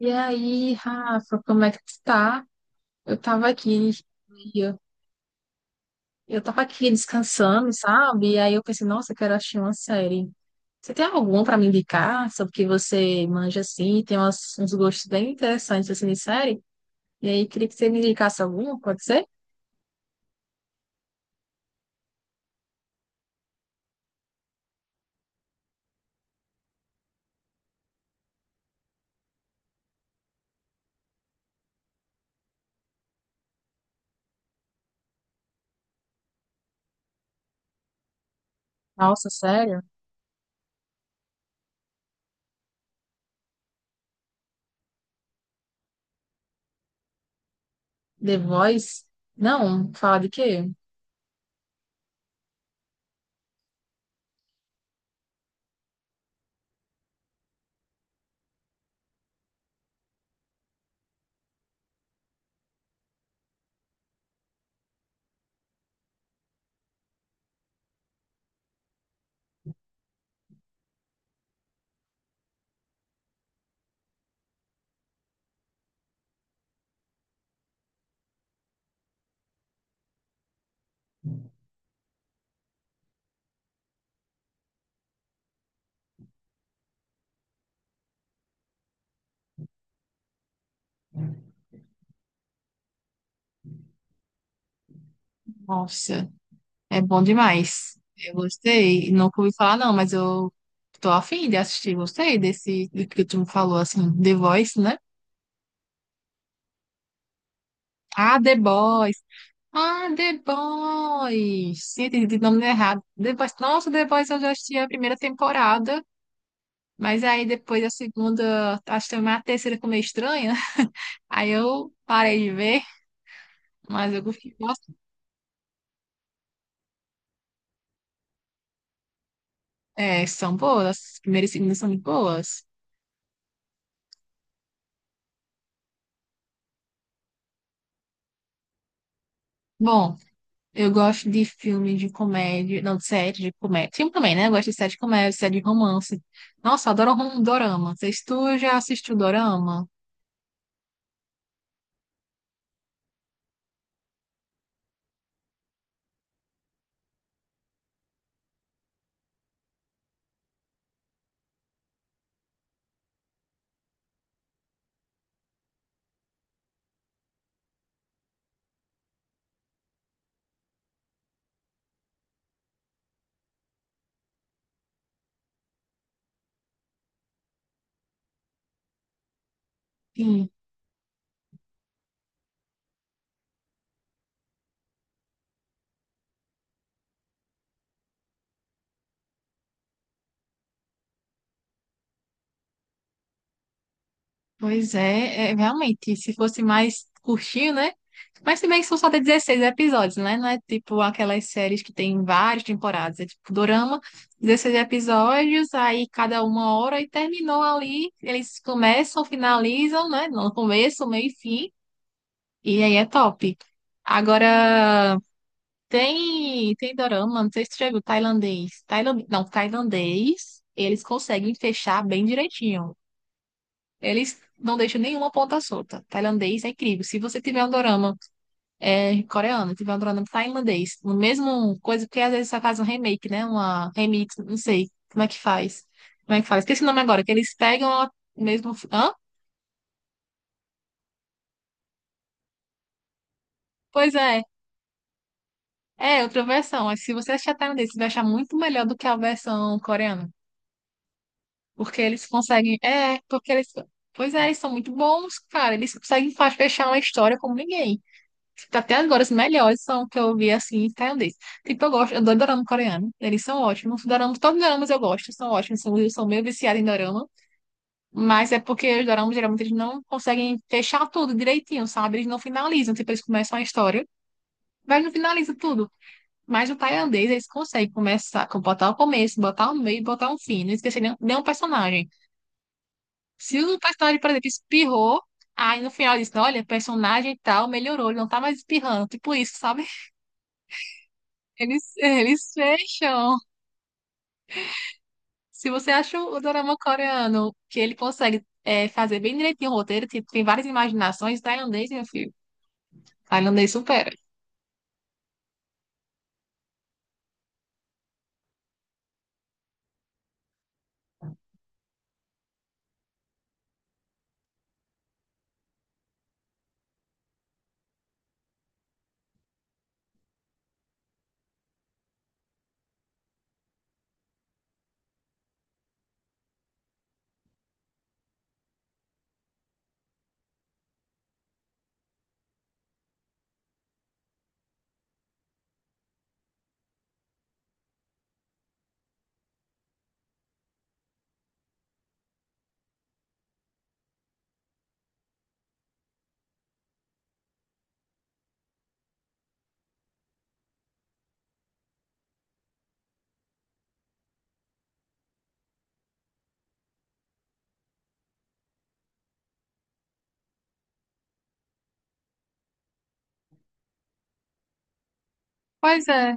E aí, Rafa, como é que tu tá? Eu tava aqui, e eu, eu tava aqui descansando, sabe? E aí eu pensei, nossa, eu quero assistir uma série. Você tem alguma pra me indicar? Sobre o que você manja assim, tem uns gostos bem interessantes assim de série. E aí, queria que você me indicasse alguma, pode ser? Nossa, sério? The Voice? Não, fala de quê? Nossa, é bom demais. Eu gostei. Nunca ouvi falar, não, mas eu tô afim de assistir. Gostei desse do que tu me falou, assim, The Voice, né? Ah, The Boys. Ah, The Boys. Sim, entendi o nome errado. The Boys. Nossa, The Boys eu já assisti a primeira temporada, mas aí depois a segunda, acho que também a terceira ficou meio estranha. Aí eu parei de ver, mas eu gostei. Nossa, é, são boas. As primeiras e segundas são muito boas. Bom. Eu gosto de filme de comédia, não, de série de comédia. Filme também, né? Eu gosto de série de comédia, série de romance. Nossa, eu adoro dorama. Vocês, tu já assistiu dorama? Sim, pois é, é, realmente, se fosse mais curtinho, né? Mas se bem que são só de 16 episódios, né? Não é tipo aquelas séries que tem várias temporadas. É tipo dorama, 16 episódios, aí cada uma hora e terminou ali. Eles começam, finalizam, né? No começo, meio e fim. E aí é top. Agora. Tem dorama, não sei se tu já viu, tailandês. Tailand, não, tailandês, eles conseguem fechar bem direitinho. Eles não deixam nenhuma ponta solta. Tailandês é incrível. Se você tiver um dorama é, coreano, tiver um dorama tailandês, no mesmo coisa, porque às vezes só faz um remake, né? Uma remix, não sei como é que faz. Como é que faz? Esqueci o nome agora, que eles pegam a mesmo. Hã? Pois é, é outra versão. Mas se você achar tailandês, você vai achar muito melhor do que a versão coreana. Porque eles conseguem. É, porque eles. Pois é, eles são muito bons, cara. Eles conseguem fechar uma história como ninguém. Tipo, até agora, os melhores são que eu vi assim, tailandês. Tipo, eu gosto, eu adoro dorama coreano. Eles são ótimos. Doramas, todos os doramas eu gosto, são ótimos. São, eu sou meio viciada em dorama. Mas é porque os doramas geralmente eles não conseguem fechar tudo direitinho, sabe? Eles não finalizam. Tipo, eles começam a história, mas não finalizam tudo. Mas o tailandês, eles conseguem começar, botar o começo, botar o meio, botar um fim. Não esquecer nenhum personagem. Se o personagem, por exemplo, espirrou, aí no final diz, olha, personagem e tal melhorou, ele não tá mais espirrando. Tipo isso, sabe? Eles fecham. Se você acha o dorama coreano que ele consegue é, fazer bem direitinho o roteiro, tipo, tem várias imaginações, tailandês, meu filho. Tailandês supera. Pois é.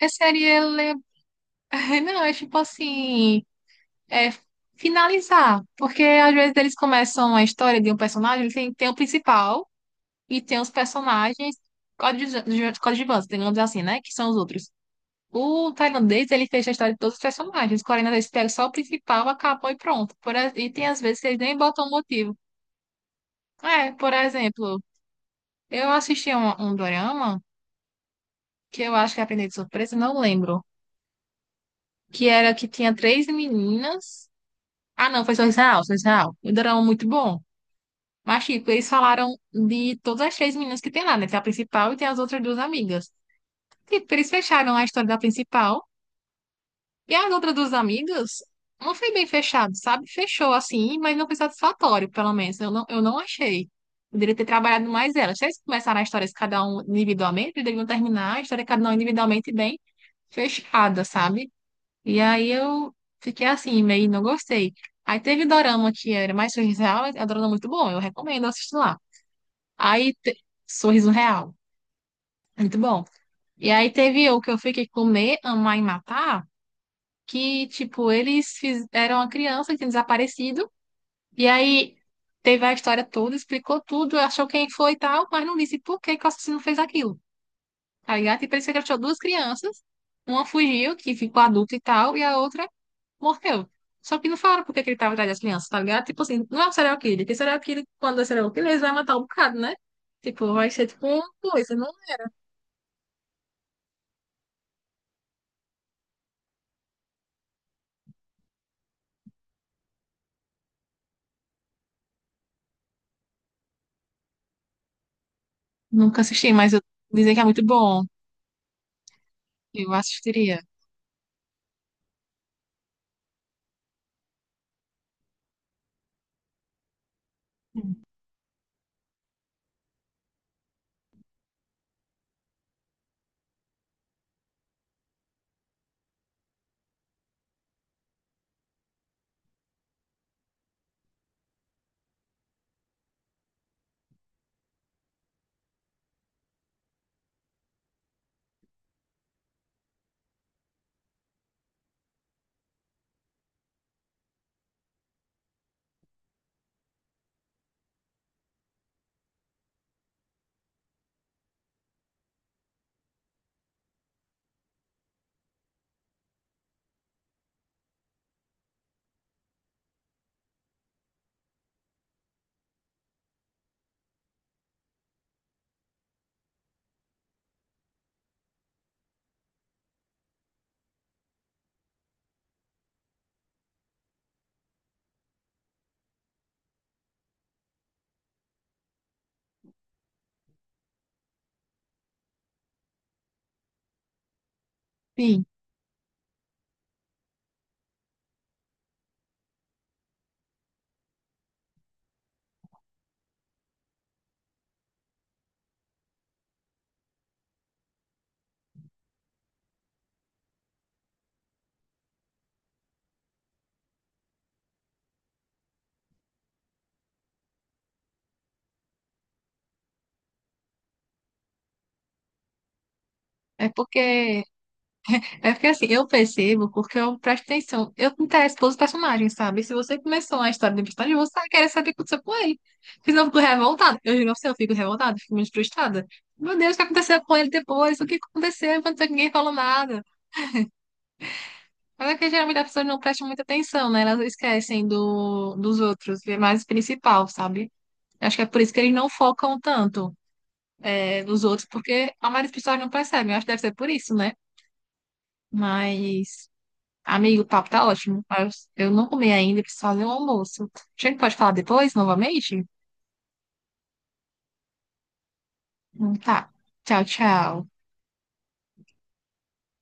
É série, ele... Não, é tipo assim... É finalizar. Porque às vezes eles começam a história de um personagem, tem o principal, e tem os personagens coadjuvantes, coadjuvantes, digamos assim, né? Que são os outros. O tailandês, ele fez a história de todos os personagens. O coreano pega só o principal, acabou e pronto. Por, e tem às vezes que eles nem botam um motivo. É, por exemplo, eu assisti um dorama que eu acho que aprendi de surpresa, não lembro. Que era que tinha três meninas. Ah, não, foi só Israel, só Israel. O dorama muito bom. Mas, tipo, eles falaram de todas as três meninas que tem lá, né? Tem a principal e tem as outras duas amigas. Tipo, eles fecharam a história da principal. E as outras duas amigas, não foi bem fechado, sabe? Fechou assim, mas não foi satisfatório, pelo menos. Eu não achei. Poderia ter trabalhado mais elas. Se eles começaram a história cada um individualmente, eles deveriam terminar a história cada um individualmente bem fechada, sabe? E aí eu fiquei assim, meio não gostei. Aí teve dorama que era mais Sorriso Real, é um dorama muito bom, eu recomendo assistir lá. Aí, Sorriso Real, muito bom. E aí teve o que eu fiquei Comer, Amar e Matar que, tipo, eles eram uma criança que tinha desaparecido, e aí teve a história toda, explicou tudo, achou quem foi e tal, mas não disse por que que o assassino fez aquilo, tá ligado? E parece que ele achou duas crianças, uma fugiu, que ficou adulta e tal, e a outra morreu. Só que não falaram por que que ele tava atrás das crianças, tá ligado? Tipo assim, não é o serial killer, porque serial killer, quando é serial killer, eles vão matar um bocado, né? Tipo, vai ser tipo uma coisa, não? Nunca assisti, mas eu... dizem que é muito bom, eu assistiria. Sim, é porque é porque assim, eu percebo porque eu presto atenção. Eu me interesso pelos personagens, sabe? Se você começou a história do personagem, você vai querer saber o que aconteceu com ele. Senão eu fico revoltada. Eu juro pra você, eu fico revoltada, fico muito frustrada. Meu Deus, o que aconteceu com ele depois? O que aconteceu? Enquanto ninguém falou nada. Mas é que geralmente as pessoas não prestam muita atenção, né? Elas esquecem dos outros, é mais o principal, sabe? Acho que é por isso que eles não focam tanto, é, nos outros, porque a maioria das pessoas não percebem. Eu acho que deve ser por isso, né? Mas. Amigo, o papo tá ótimo, mas eu não comi ainda, preciso fazer o almoço. A gente pode falar depois, novamente? Tá. Tchau, tchau.